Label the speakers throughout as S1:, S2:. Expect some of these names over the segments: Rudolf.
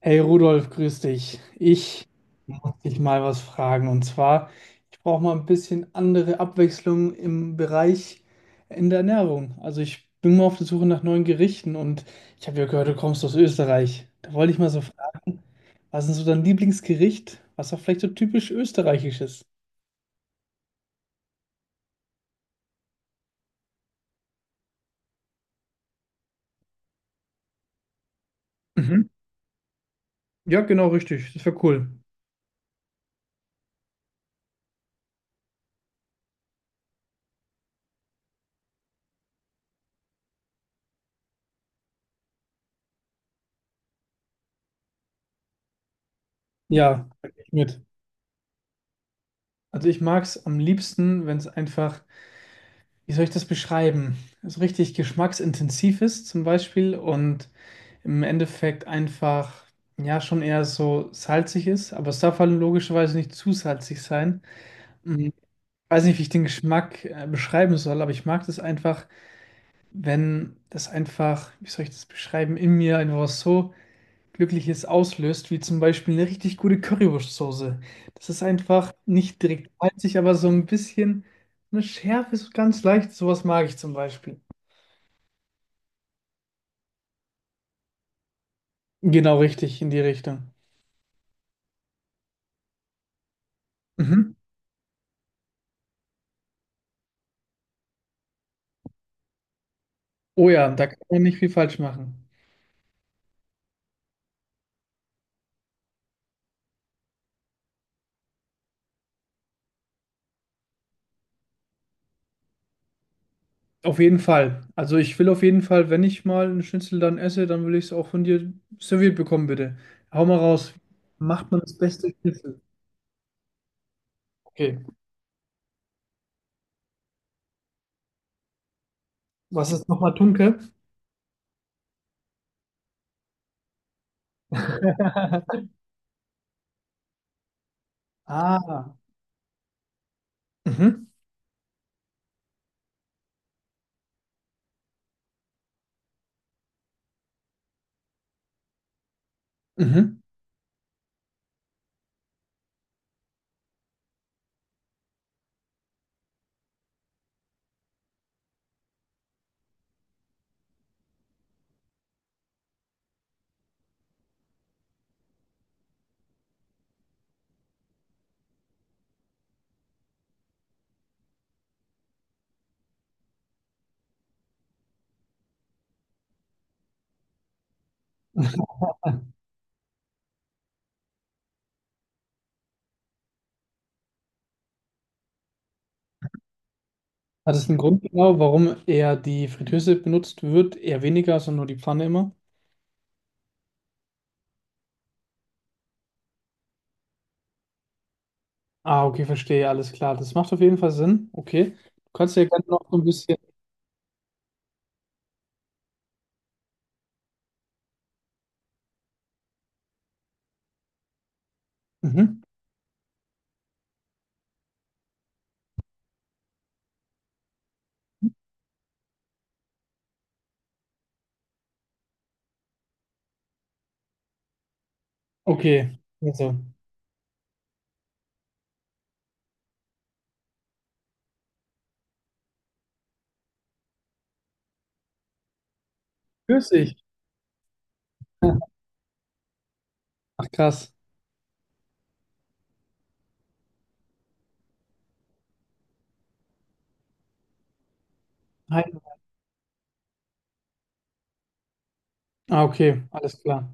S1: Hey Rudolf, grüß dich. Ich muss dich mal was fragen. Und zwar, ich brauche mal ein bisschen andere Abwechslung im Bereich in der Ernährung. Also ich bin mal auf der Suche nach neuen Gerichten, und ich habe ja gehört, du kommst aus Österreich. Da wollte ich mal so fragen, was ist so dein Lieblingsgericht, was auch vielleicht so typisch österreichisch ist? Mhm. Ja, genau, richtig. Das wäre cool. Ja, mit. Also ich mag es am liebsten, wenn es einfach, wie soll ich das beschreiben, so richtig geschmacksintensiv ist zum Beispiel und im Endeffekt einfach, ja, schon eher so salzig ist, aber es darf halt logischerweise nicht zu salzig sein. Hm, weiß nicht, wie ich den Geschmack beschreiben soll, aber ich mag das einfach, wenn das einfach, wie soll ich das beschreiben, in mir einfach was so Glückliches auslöst, wie zum Beispiel eine richtig gute Currywurstsoße. Das ist einfach nicht direkt salzig, aber so ein bisschen so eine Schärfe, so ganz leicht. Sowas mag ich zum Beispiel. Genau richtig, in die Richtung. Mhm. Oh ja, da kann man nicht viel falsch machen. Auf jeden Fall. Also ich will auf jeden Fall, wenn ich mal einen Schnitzel dann esse, dann will ich es auch von dir serviert bekommen, bitte. Hau mal raus. Macht man das beste Schnitzel? Okay. Was ist nochmal Tunke? Ah. Mhm. Mhm. Hat es einen Grund genau, warum eher die Fritteuse benutzt wird? Eher weniger, sondern nur die Pfanne immer? Ah, okay, verstehe, alles klar. Das macht auf jeden Fall Sinn. Okay. Du kannst ja gerne noch so ein bisschen. Mhm. Okay, also Pfirsich. Ach krass. Hi. Ah, okay, alles klar.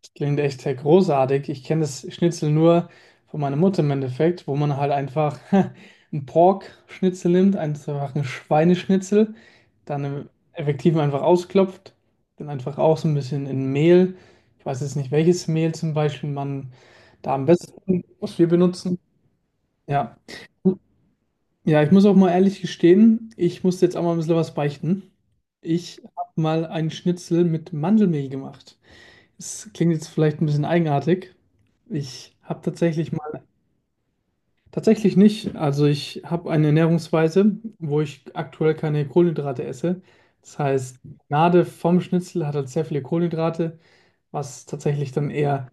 S1: Das klingt echt sehr großartig. Ich kenne das Schnitzel nur von meiner Mutter im Endeffekt, wo man halt einfach einen Pork-Schnitzel nimmt, einfach einen Schweineschnitzel, dann im effektiven einfach ausklopft, dann einfach auch so ein bisschen in Mehl. Ich weiß jetzt nicht, welches Mehl zum Beispiel man da am besten, was wir benutzen. Ja. Ja, ich muss auch mal ehrlich gestehen, ich musste jetzt auch mal ein bisschen was beichten. Ich habe mal einen Schnitzel mit Mandelmehl gemacht. Es klingt jetzt vielleicht ein bisschen eigenartig. Ich habe tatsächlich mal, tatsächlich nicht. Also ich habe eine Ernährungsweise, wo ich aktuell keine Kohlenhydrate esse. Das heißt, die Gnade vom Schnitzel hat halt sehr viele Kohlenhydrate, was tatsächlich dann eher.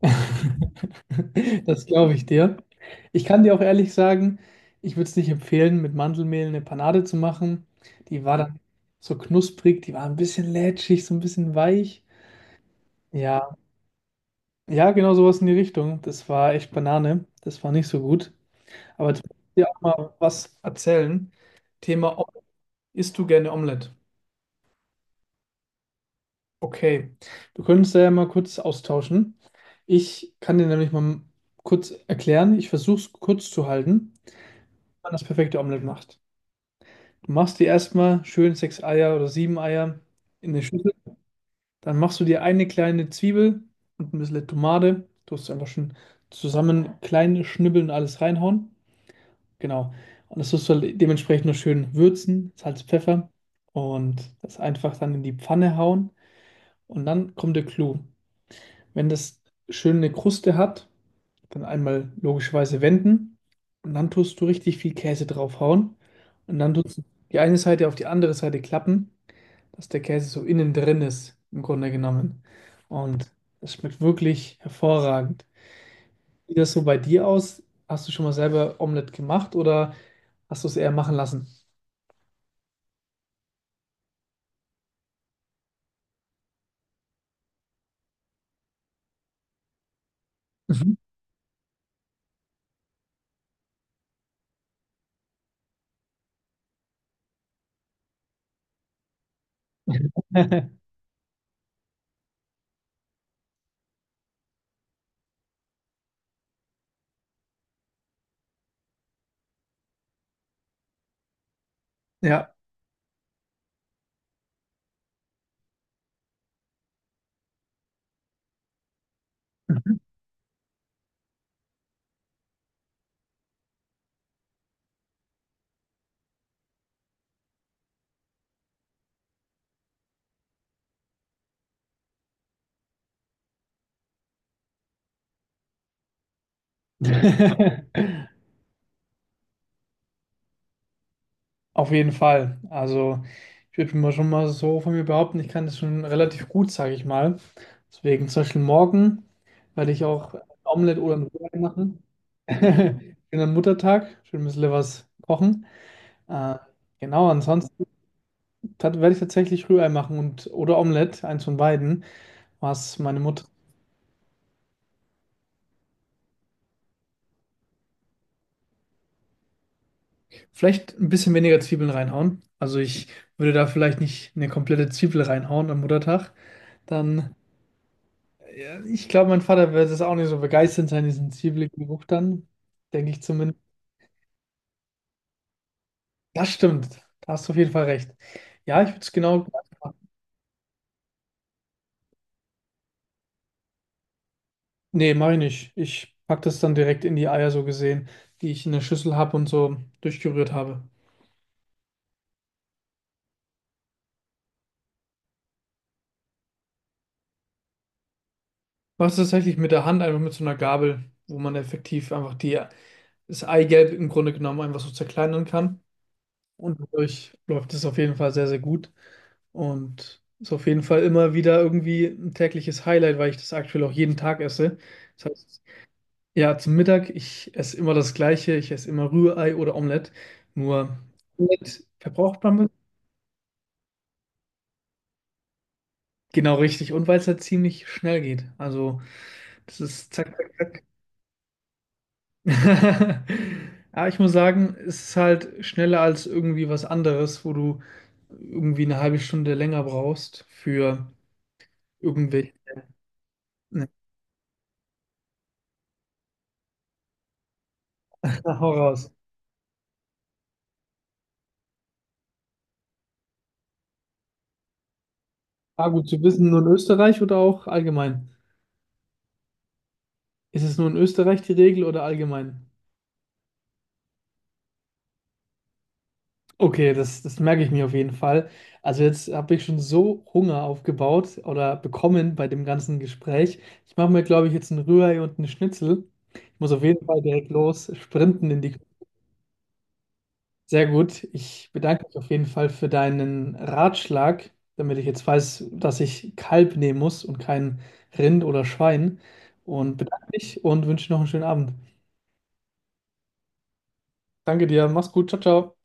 S1: Das glaube ich dir. Ich kann dir auch ehrlich sagen, ich würde es nicht empfehlen, mit Mandelmehl eine Panade zu machen. Die war Mhm. dann so knusprig, die war ein bisschen lätschig, so ein bisschen weich. Ja, ja, genau sowas in die Richtung. Das war echt Banane. Das war nicht so gut. Aber jetzt muss ich dir auch mal was erzählen. Thema, isst du gerne Omelette? Okay, wir können uns da ja mal kurz austauschen. Ich kann dir nämlich mal kurz erklären. Ich versuche es kurz zu halten. Man das perfekte Omelett macht. Du machst dir erstmal schön sechs Eier oder sieben Eier in eine Schüssel. Dann machst du dir eine kleine Zwiebel und ein bisschen Tomate. Tust du einfach schön zusammen klein schnibbeln und alles reinhauen. Genau. Und das tust du halt dementsprechend noch schön würzen, Salz, Pfeffer, und das einfach dann in die Pfanne hauen. Und dann kommt der Clou. Wenn das schön eine Kruste hat, dann einmal logischerweise wenden und dann tust du richtig viel Käse draufhauen und dann tust du die eine Seite auf die andere Seite klappen, dass der Käse so innen drin ist, im Grunde genommen. Und das schmeckt wirklich hervorragend. Sieht das so bei dir aus? Hast du schon mal selber Omelette gemacht, oder hast du es eher machen lassen? Mhm. Ja. Mhm. Auf jeden Fall. Also ich würde mal schon mal so von mir behaupten, ich kann das schon relativ gut, sage ich mal. Deswegen zum Beispiel morgen werde ich auch ein Omelett oder ein Rührei machen. Schönen Muttertag, schön ein bisschen was kochen. Äh, genau, ansonsten werde ich tatsächlich Rührei machen und oder Omelett, eins von beiden, was meine Mutter vielleicht ein bisschen weniger Zwiebeln reinhauen. Also ich würde da vielleicht nicht eine komplette Zwiebel reinhauen am Muttertag. Dann, ja, ich glaube, mein Vater wird es auch nicht so begeistert sein, diesen zwiebeligen Geruch dann. Denke ich zumindest. Das stimmt. Da hast du auf jeden Fall recht. Ja, ich würde es genau gleich machen. Nee, mache ich nicht. Ich packe das dann direkt in die Eier, so gesehen, die ich in der Schüssel habe und so durchgerührt habe. Mach's tatsächlich mit der Hand, einfach mit so einer Gabel, wo man effektiv einfach das Eigelb im Grunde genommen einfach so zerkleinern kann. Und dadurch läuft es auf jeden Fall sehr, sehr gut. Und ist auf jeden Fall immer wieder irgendwie ein tägliches Highlight, weil ich das aktuell auch jeden Tag esse. Das heißt, ja, zum Mittag, ich esse immer das Gleiche, ich esse immer Rührei oder Omelett. Nur Omelett verbraucht man. Genau richtig. Und weil es halt ziemlich schnell geht. Also, das ist zack, zack. Aber ich muss sagen, es ist halt schneller als irgendwie was anderes, wo du irgendwie eine halbe Stunde länger brauchst für irgendwelche. Hau raus. Ah, gut zu wissen, nur in Österreich oder auch allgemein? Ist es nur in Österreich die Regel oder allgemein? Okay, das merke ich mir auf jeden Fall. Also jetzt habe ich schon so Hunger aufgebaut oder bekommen bei dem ganzen Gespräch. Ich mache mir, glaube ich, jetzt einen Rührei und einen Schnitzel. Ich muss auf jeden Fall direkt los sprinten in die Küche. Sehr gut. Ich bedanke mich auf jeden Fall für deinen Ratschlag, damit ich jetzt weiß, dass ich Kalb nehmen muss und kein Rind oder Schwein. Und bedanke mich und wünsche noch einen schönen Abend. Danke dir, mach's gut, ciao, ciao.